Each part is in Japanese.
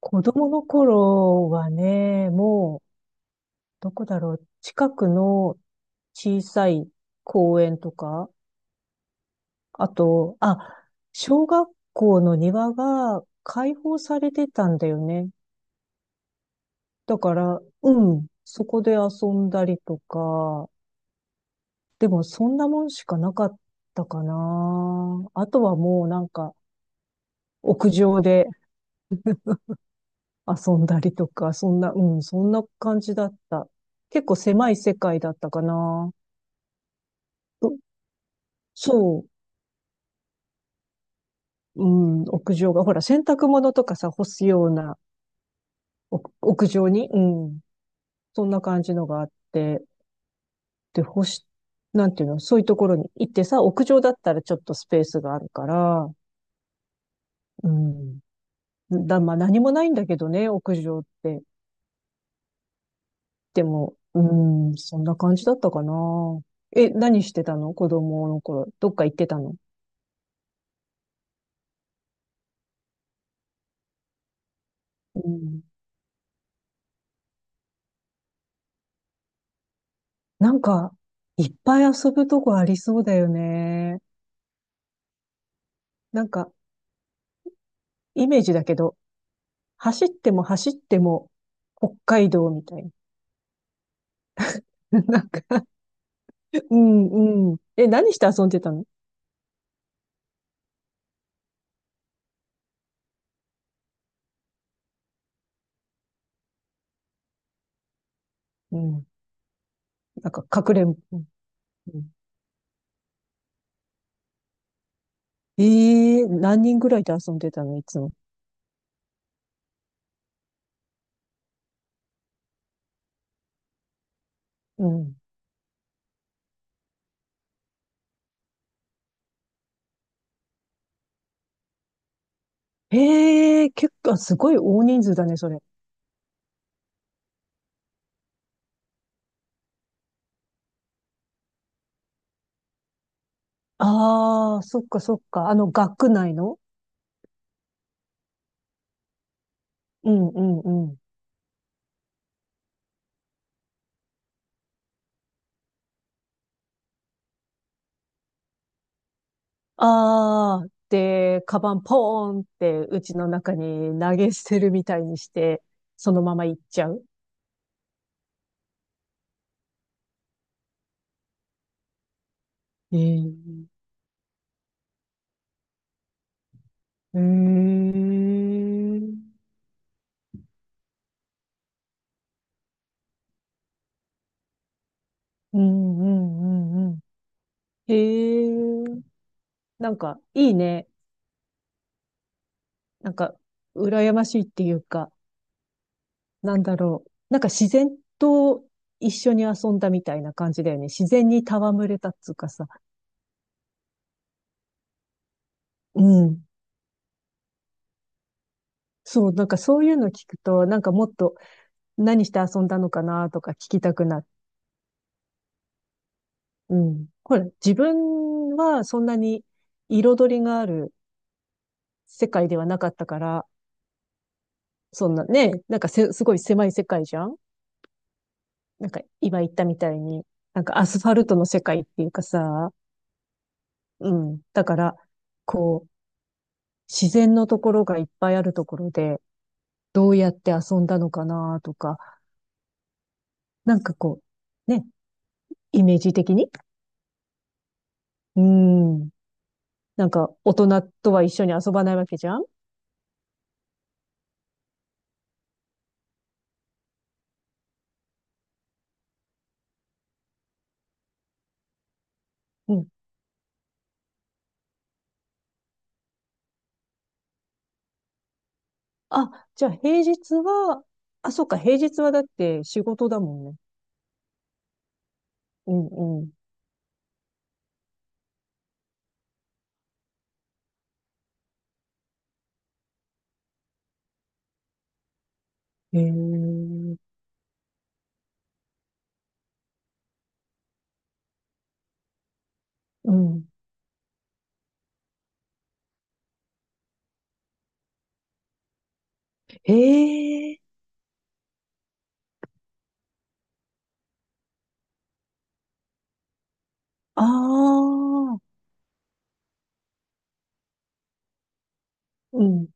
子供の頃はね、どこだろう、近くの小さい公園とか、あと、小学校の庭が開放されてたんだよね。だから、うん、そこで遊んだりとか、でもそんなもんしかなかったかな。あとはもうなんか、屋上で遊んだりとか、そんな、うん、そんな感じだった。結構狭い世界だったかな。そう、うん、屋上が、ほら、洗濯物とかさ、干すようなお屋上に、うん、そんな感じのがあって、で、干し、なんていうの、そういうところに行ってさ、屋上だったらちょっとスペースがあるから、うん、まあ何もないんだけどね、屋上って。でも、うん、そんな感じだったかな。え、何してたの子供の頃。どっか行ってたの？うん。なんか、いっぱい遊ぶとこありそうだよね。なんか、イメージだけど、走っても走っても北海道みたいな。なんか、うんうん。え、何して遊んでたの？うん。なんか、かくれんぼ。うんうん。ええ、何人ぐらいで遊んでたのいつも。うん。ええ、結構、すごい大人数だね、それ。ああ、そっかそっか。あの、学区内の？うんうんうん。ああ、で、カバンポーンって、うちの中に投げ捨てるみたいにして、そのまま行っちゃう。ええ、うーん。うんうんうんうん。へえ、なんかいいね。なんか羨ましいっていうか、なんだろう。なんか自然と一緒に遊んだみたいな感じだよね。自然に戯れたっつうかさ。うん。そう、なんかそういうの聞くと、なんかもっと何して遊んだのかなとか聞きたくなる。うん。ほら、自分はそんなに彩りがある世界ではなかったから、そんなね、なんかせ、すごい狭い世界じゃん。なんか今言ったみたいに、なんかアスファルトの世界っていうかさ、うん。だから、こう、自然のところがいっぱいあるところで、どうやって遊んだのかなとか、なんかこう、ね、イメージ的に。うん。なんか、大人とは一緒に遊ばないわけじゃん。うん。あ、じゃあ平日は、あ、そっか、平日はだって仕事だもんね。うんうん。へえ。うん。へえ。ああ。うん。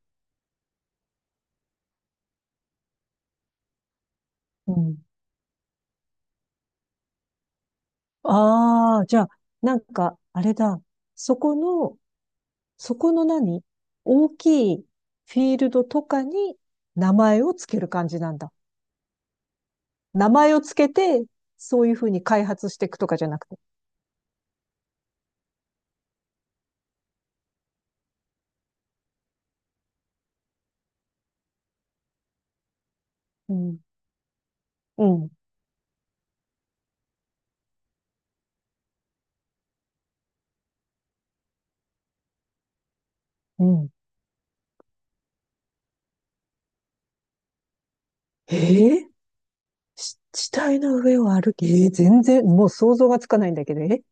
うん。ああ、じゃあ、なんか、あれだ。そこの、そこの大きいフィールドとかに名前をつける感じなんだ。名前をつけて、そういうふうに開発していくとかじゃなくて。うん。うん。うん。えー、し地帯の上を歩き、えー、全然、もう想像がつかないんだけど、え、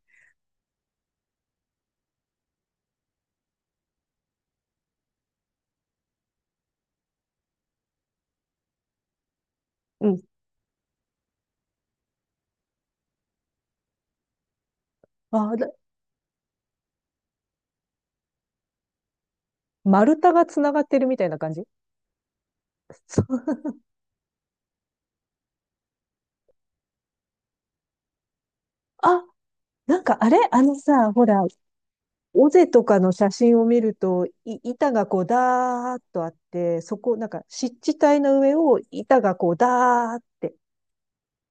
うん。あ、丸太がつながってるみたいな感じ。 そう、あ、なんかあれあのさ、ほら、尾瀬とかの写真を見ると、板がこうダーッとあって、そこ、なんか湿地帯の上を板がこうダーッて、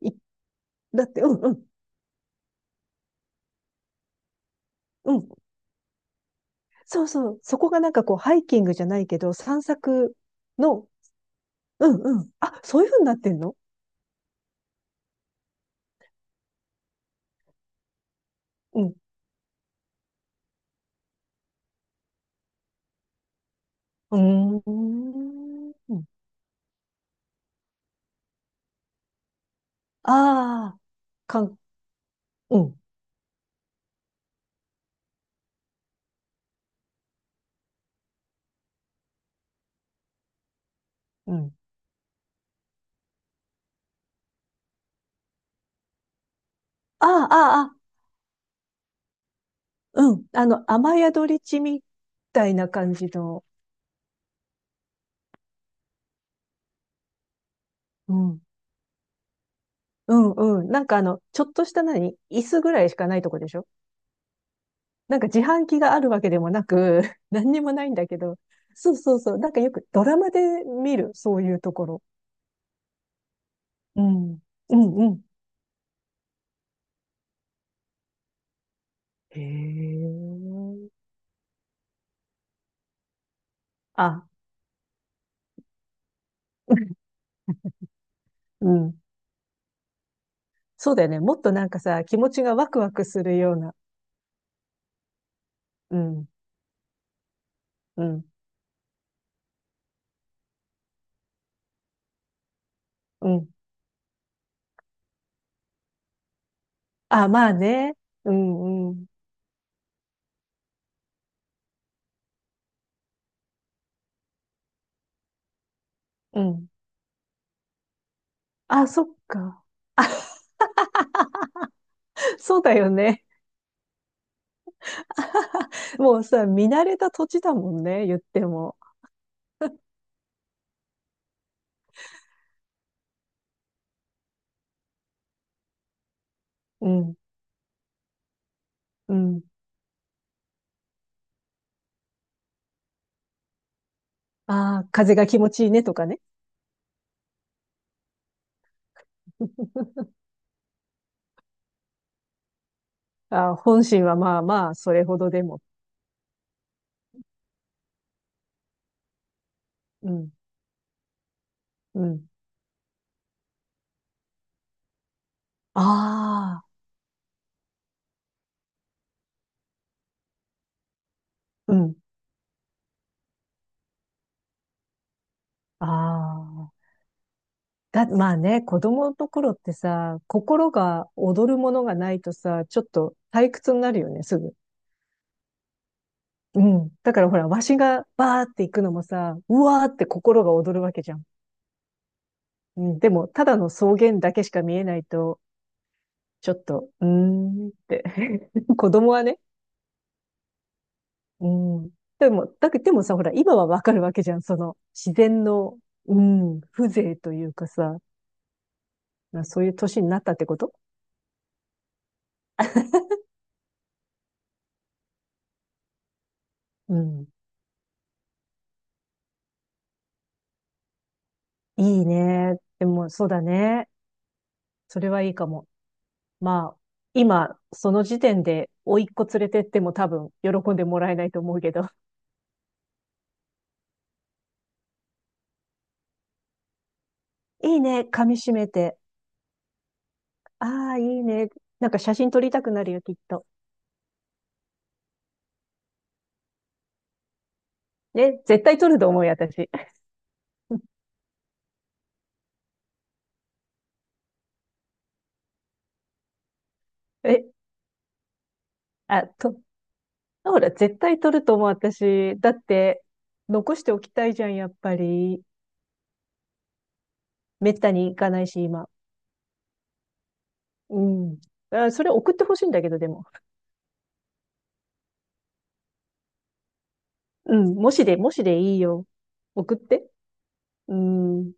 い、だって、うんうん、うん。そうそう。そこがなんかこうハイキングじゃないけど、散策の、うんうん。あ、そういうふうになってんの？うん。うーん。ああ、かん、うん、うん。ああ、うん。あの、雨宿り地みたいな感じの、うん。うんうん。なんかあの、ちょっとした何椅子ぐらいしかないとこでしょ？なんか自販機があるわけでもなく、何にもないんだけど。そうそうそう。なんかよくドラマで見る、そういうところ。うん。うんうん。へえ。あ、うん。そうだよね。もっとなんかさ、気持ちがワクワクするような。うん、うん、うん。あ、まあね。うん、うん、うん。あ、そっか。そうだよね。もうさ、見慣れた土地だもんね、言っても。うん。うん。ああ、風が気持ちいいねとかね。あー、本心はまあまあ、それほどでも。うん、うん。ああ、うん。ああ。だ、まあね、子供の頃ってさ、心が踊るものがないとさ、ちょっと退屈になるよね、すぐ。うん。だからほら、わしがバーって行くのもさ、うわーって心が踊るわけじゃん。うん。でも、ただの草原だけしか見えないと、ちょっと、うーんって。子供はね、うん。でも、だけど、でもさ、ほら、今はわかるわけじゃん。その、自然の、うん、風情というかさ、まあ、そういう年になったってこと？うん。いいね。でも、そうだね。それはいいかも。まあ、今、その時点で、甥っ子連れてっても多分、喜んでもらえないと思うけど。いいね。噛み締めて。ああ、いいね。なんか写真撮りたくなるよ、きっと。ね、絶対撮ると思うよ、私。え、あ、と、ほら、絶対取ると思う、私。だって、残しておきたいじゃん、やっぱり。めったに行かないし、今。うん。あ、それ送ってほしいんだけど、でも。うん。もしで、もしでいいよ。送って。うん。